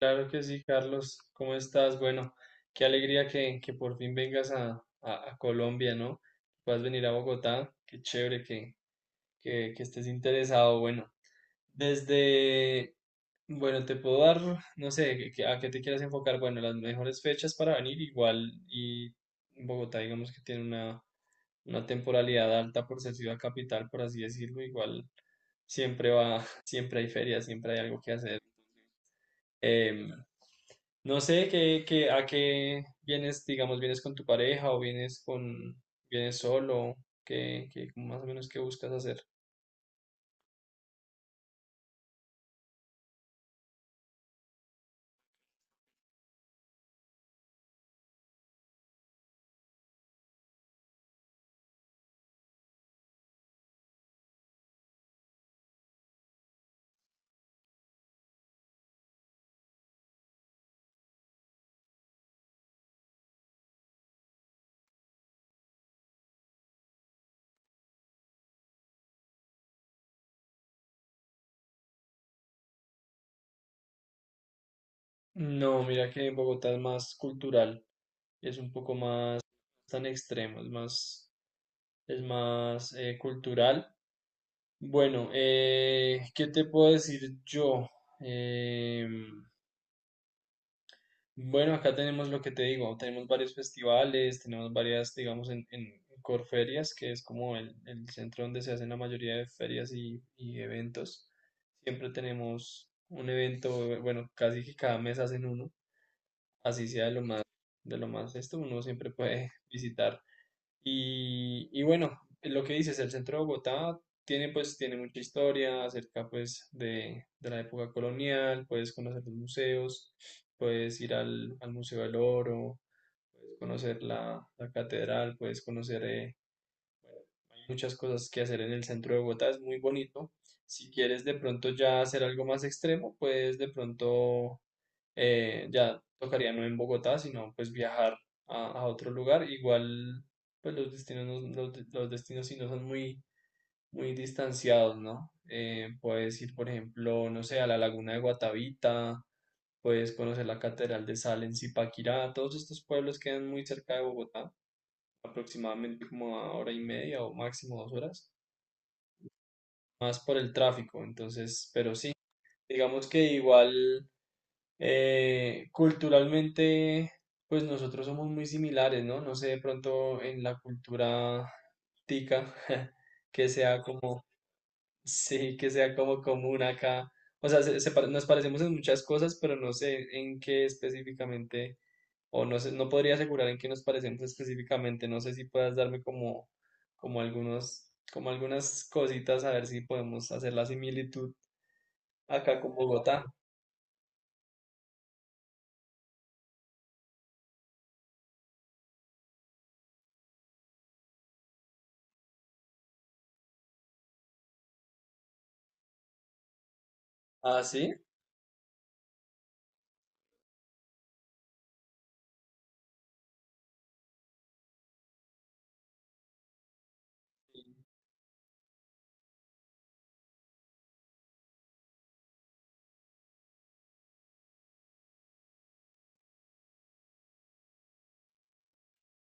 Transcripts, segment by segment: Claro que sí, Carlos. ¿Cómo estás? Bueno, qué alegría que por fin vengas a Colombia, ¿no? Puedas venir a Bogotá. Qué chévere que estés interesado. Bueno, desde, bueno, te puedo dar, no sé, a qué te quieras enfocar. Bueno, las mejores fechas para venir igual y Bogotá, digamos que tiene una temporalidad alta por ser ciudad capital, por así decirlo. Igual siempre va, siempre hay ferias, siempre hay algo que hacer. Em, no sé a qué vienes, digamos, vienes con tu pareja o vienes con, vienes solo, qué, qué más o menos qué buscas hacer. No, mira que en Bogotá es más cultural, es un poco más tan extremo, es más cultural. Bueno, ¿qué te puedo decir yo? Em, Bueno, acá tenemos lo que te digo, tenemos varios festivales, tenemos varias, digamos, en Corferias, que es como el centro donde se hacen la mayoría de ferias y eventos. Siempre tenemos un evento, bueno, casi que cada mes hacen uno, así sea de lo más esto, uno siempre puede visitar. Y bueno, lo que dices, el centro de Bogotá tiene pues tiene mucha historia acerca pues de la época colonial, puedes conocer los museos, puedes ir al, al Museo del Oro, puedes conocer la, la catedral, puedes conocer hay muchas cosas que hacer en el centro de Bogotá, es muy bonito. Si quieres de pronto ya hacer algo más extremo, puedes de pronto ya tocaría no en Bogotá, sino pues viajar a otro lugar. Igual, pues los destinos, los, los destinos sí no son muy, muy distanciados, ¿no? Puedes ir, por ejemplo, no sé, a la laguna de Guatavita, puedes conocer la Catedral de Sal en Zipaquirá, todos estos pueblos quedan muy cerca de Bogotá, aproximadamente como a hora y media o máximo dos horas, más por el tráfico, entonces, pero sí. Digamos que igual culturalmente, pues nosotros somos muy similares, ¿no? No sé de pronto en la cultura tica que sea como, sí, que sea como común acá. O sea, nos parecemos en muchas cosas, pero no sé en qué específicamente, o no sé, no podría asegurar en qué nos parecemos específicamente. No sé si puedas darme como, como algunos, como algunas cositas a ver si podemos hacer la similitud acá con Bogotá. Ah, sí.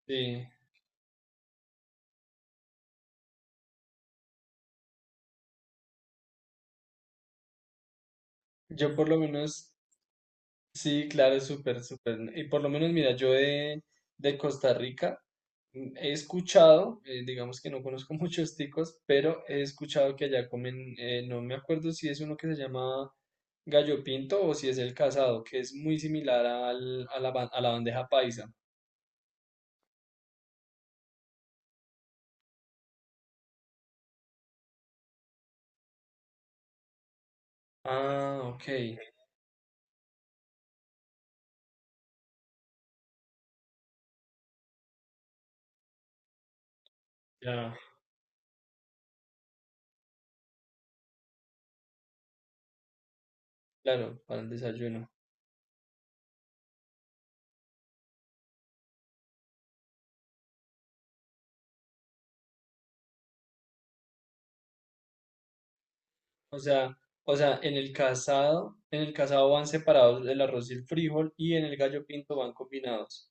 Sí. Yo por lo menos sí, claro, súper, súper. Y por lo menos, mira, yo de Costa Rica he escuchado, digamos que no conozco muchos ticos, pero he escuchado que allá comen, no me acuerdo si es uno que se llama gallo pinto o si es el casado, que es muy similar al, a la, a la bandeja paisa. Ah, ok, ya, claro, para el desayuno. O sea, en el casado van separados el arroz y el frijol y en el gallo pinto van combinados.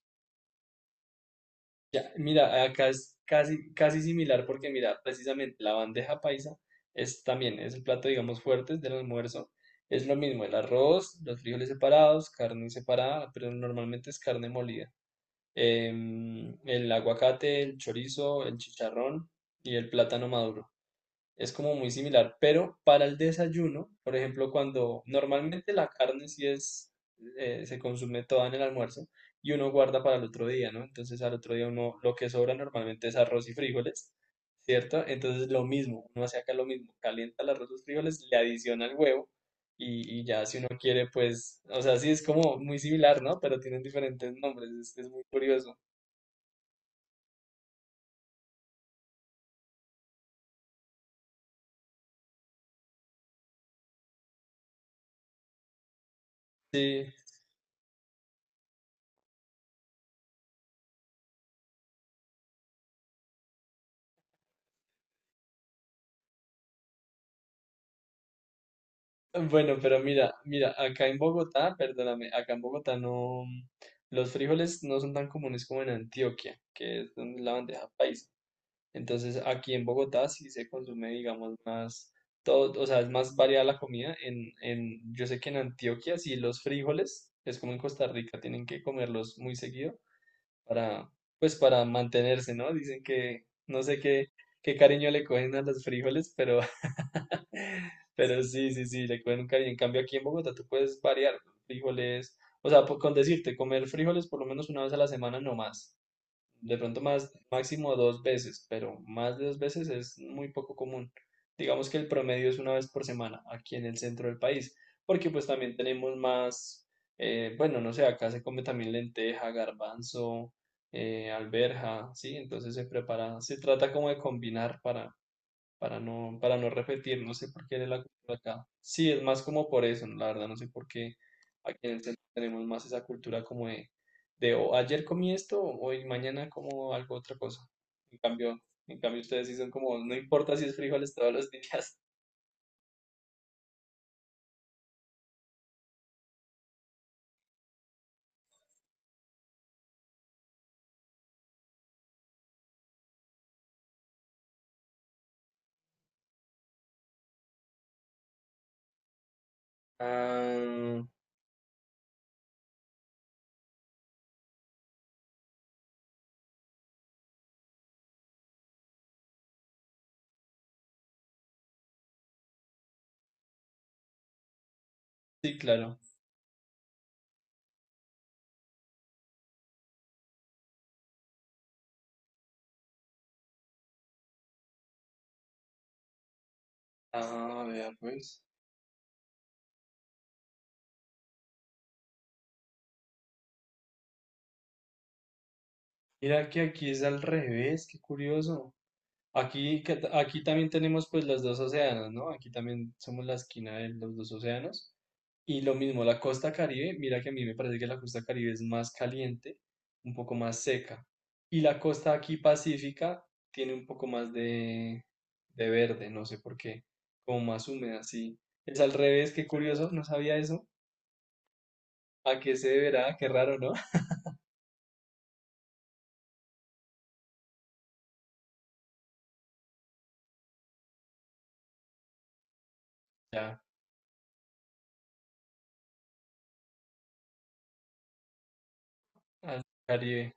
Ya, mira, acá es casi, casi similar porque mira, precisamente la bandeja paisa es también, es el plato, digamos, fuerte del almuerzo. Es lo mismo, el arroz, los frijoles separados, carne separada, pero normalmente es carne molida. El aguacate, el chorizo, el chicharrón y el plátano maduro es como muy similar, pero para el desayuno, por ejemplo, cuando normalmente la carne sí es, se consume toda en el almuerzo y uno guarda para el otro día, ¿no? Entonces al otro día uno lo que sobra normalmente es arroz y frijoles, ¿cierto? Entonces lo mismo, uno hace acá lo mismo, calienta el arroz, los frijoles, le adiciona el huevo y ya si uno quiere, pues, o sea, sí es como muy similar, ¿no? Pero tienen diferentes nombres, es muy curioso. Sí. Bueno, pero mira, mira, acá en Bogotá, perdóname, acá en Bogotá no, los frijoles no son tan comunes como en Antioquia, que es donde es la bandeja paisa. Entonces, aquí en Bogotá sí se consume, digamos, más todo, o sea, es más variada la comida. En, yo sé que en Antioquia sí los frijoles, es como en Costa Rica, tienen que comerlos muy seguido para, pues para mantenerse, ¿no? Dicen que no sé qué, qué cariño le cogen a los frijoles, pero, pero sí, sí, sí, le cogen un cariño. En cambio, aquí en Bogotá tú puedes variar, ¿no? frijoles, o sea, con decirte, comer frijoles por lo menos una vez a la semana no más. De pronto más, máximo dos veces, pero más de dos veces es muy poco común. Digamos que el promedio es una vez por semana aquí en el centro del país, porque pues también tenemos más, bueno, no sé, acá se come también lenteja, garbanzo, alberja, ¿sí? Entonces se prepara, se trata como de combinar para no repetir, no sé por qué era la cultura acá. Sí, es más como por eso, la verdad, no sé por qué aquí en el centro tenemos más esa cultura como de o ayer comí esto, hoy mañana como algo otra cosa. En cambio, en cambio ustedes sí son como, no importa si es frijoles todos los días. Ah, sí, claro. Ah, vea pues. Mira que aquí es al revés, qué curioso. Aquí, aquí también tenemos pues los dos océanos, ¿no? Aquí también somos la esquina de los dos océanos. Y lo mismo, la costa Caribe, mira que a mí me parece que la costa Caribe es más caliente, un poco más seca. Y la costa aquí pacífica tiene un poco más de verde, no sé por qué, como más húmeda, sí. Es al revés, qué curioso, no sabía eso. ¿A qué se deberá? Qué raro, ¿no? Ya, al Caribe.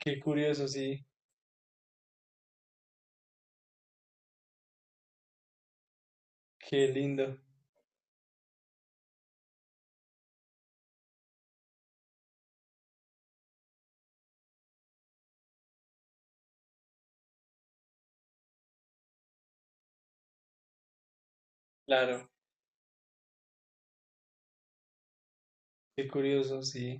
Qué curioso, sí, qué lindo. Claro, qué curioso, sí.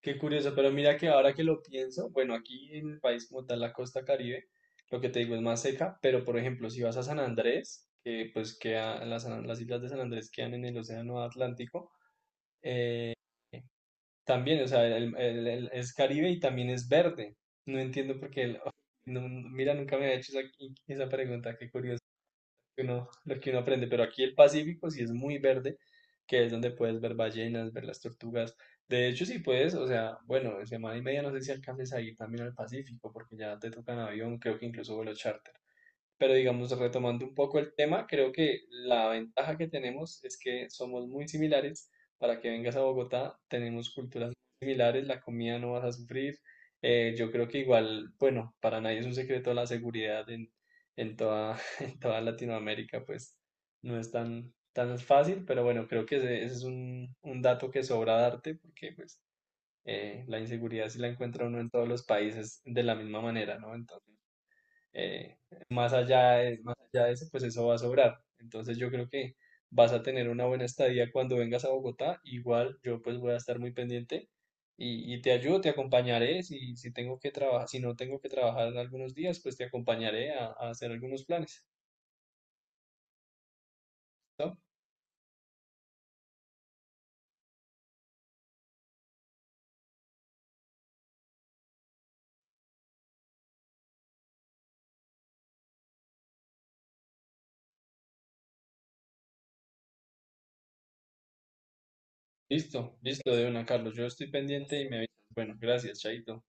Qué curioso, pero mira que ahora que lo pienso, bueno, aquí en el país como tal, la costa Caribe, lo que te digo es más seca, pero por ejemplo, si vas a San Andrés, que pues queda, las islas de San Andrés quedan en el Océano Atlántico, también, o sea, es Caribe y también es verde. No entiendo por qué, mira, nunca me ha hecho esa, esa pregunta, qué curioso que uno, lo que uno aprende, pero aquí el Pacífico sí es muy verde, que es donde puedes ver ballenas, ver las tortugas. De hecho, sí puedes, o sea, bueno, en semana y media no sé si alcances a ir también al Pacífico, porque ya te tocan avión, creo que incluso vuelo charter. Pero digamos, retomando un poco el tema, creo que la ventaja que tenemos es que somos muy similares. Para que vengas a Bogotá, tenemos culturas muy similares, la comida no vas a sufrir. Yo creo que igual, bueno, para nadie es un secreto la seguridad en toda, en toda Latinoamérica, pues no es tan, tan fácil, pero bueno, creo que ese es un dato que sobra darte, porque pues la inseguridad sí la encuentra uno en todos los países de la misma manera, ¿no? Entonces eh, más allá de eso, pues eso va a sobrar. Entonces yo creo que vas a tener una buena estadía cuando vengas a Bogotá. Igual yo pues voy a estar muy pendiente y te ayudo, te acompañaré. Si, si tengo que trabajar, si no tengo que trabajar algunos días, pues te acompañaré a hacer algunos planes. ¿No? Listo, listo de una, Carlos. Yo estoy pendiente y me avisas. Bueno, gracias, Chaito.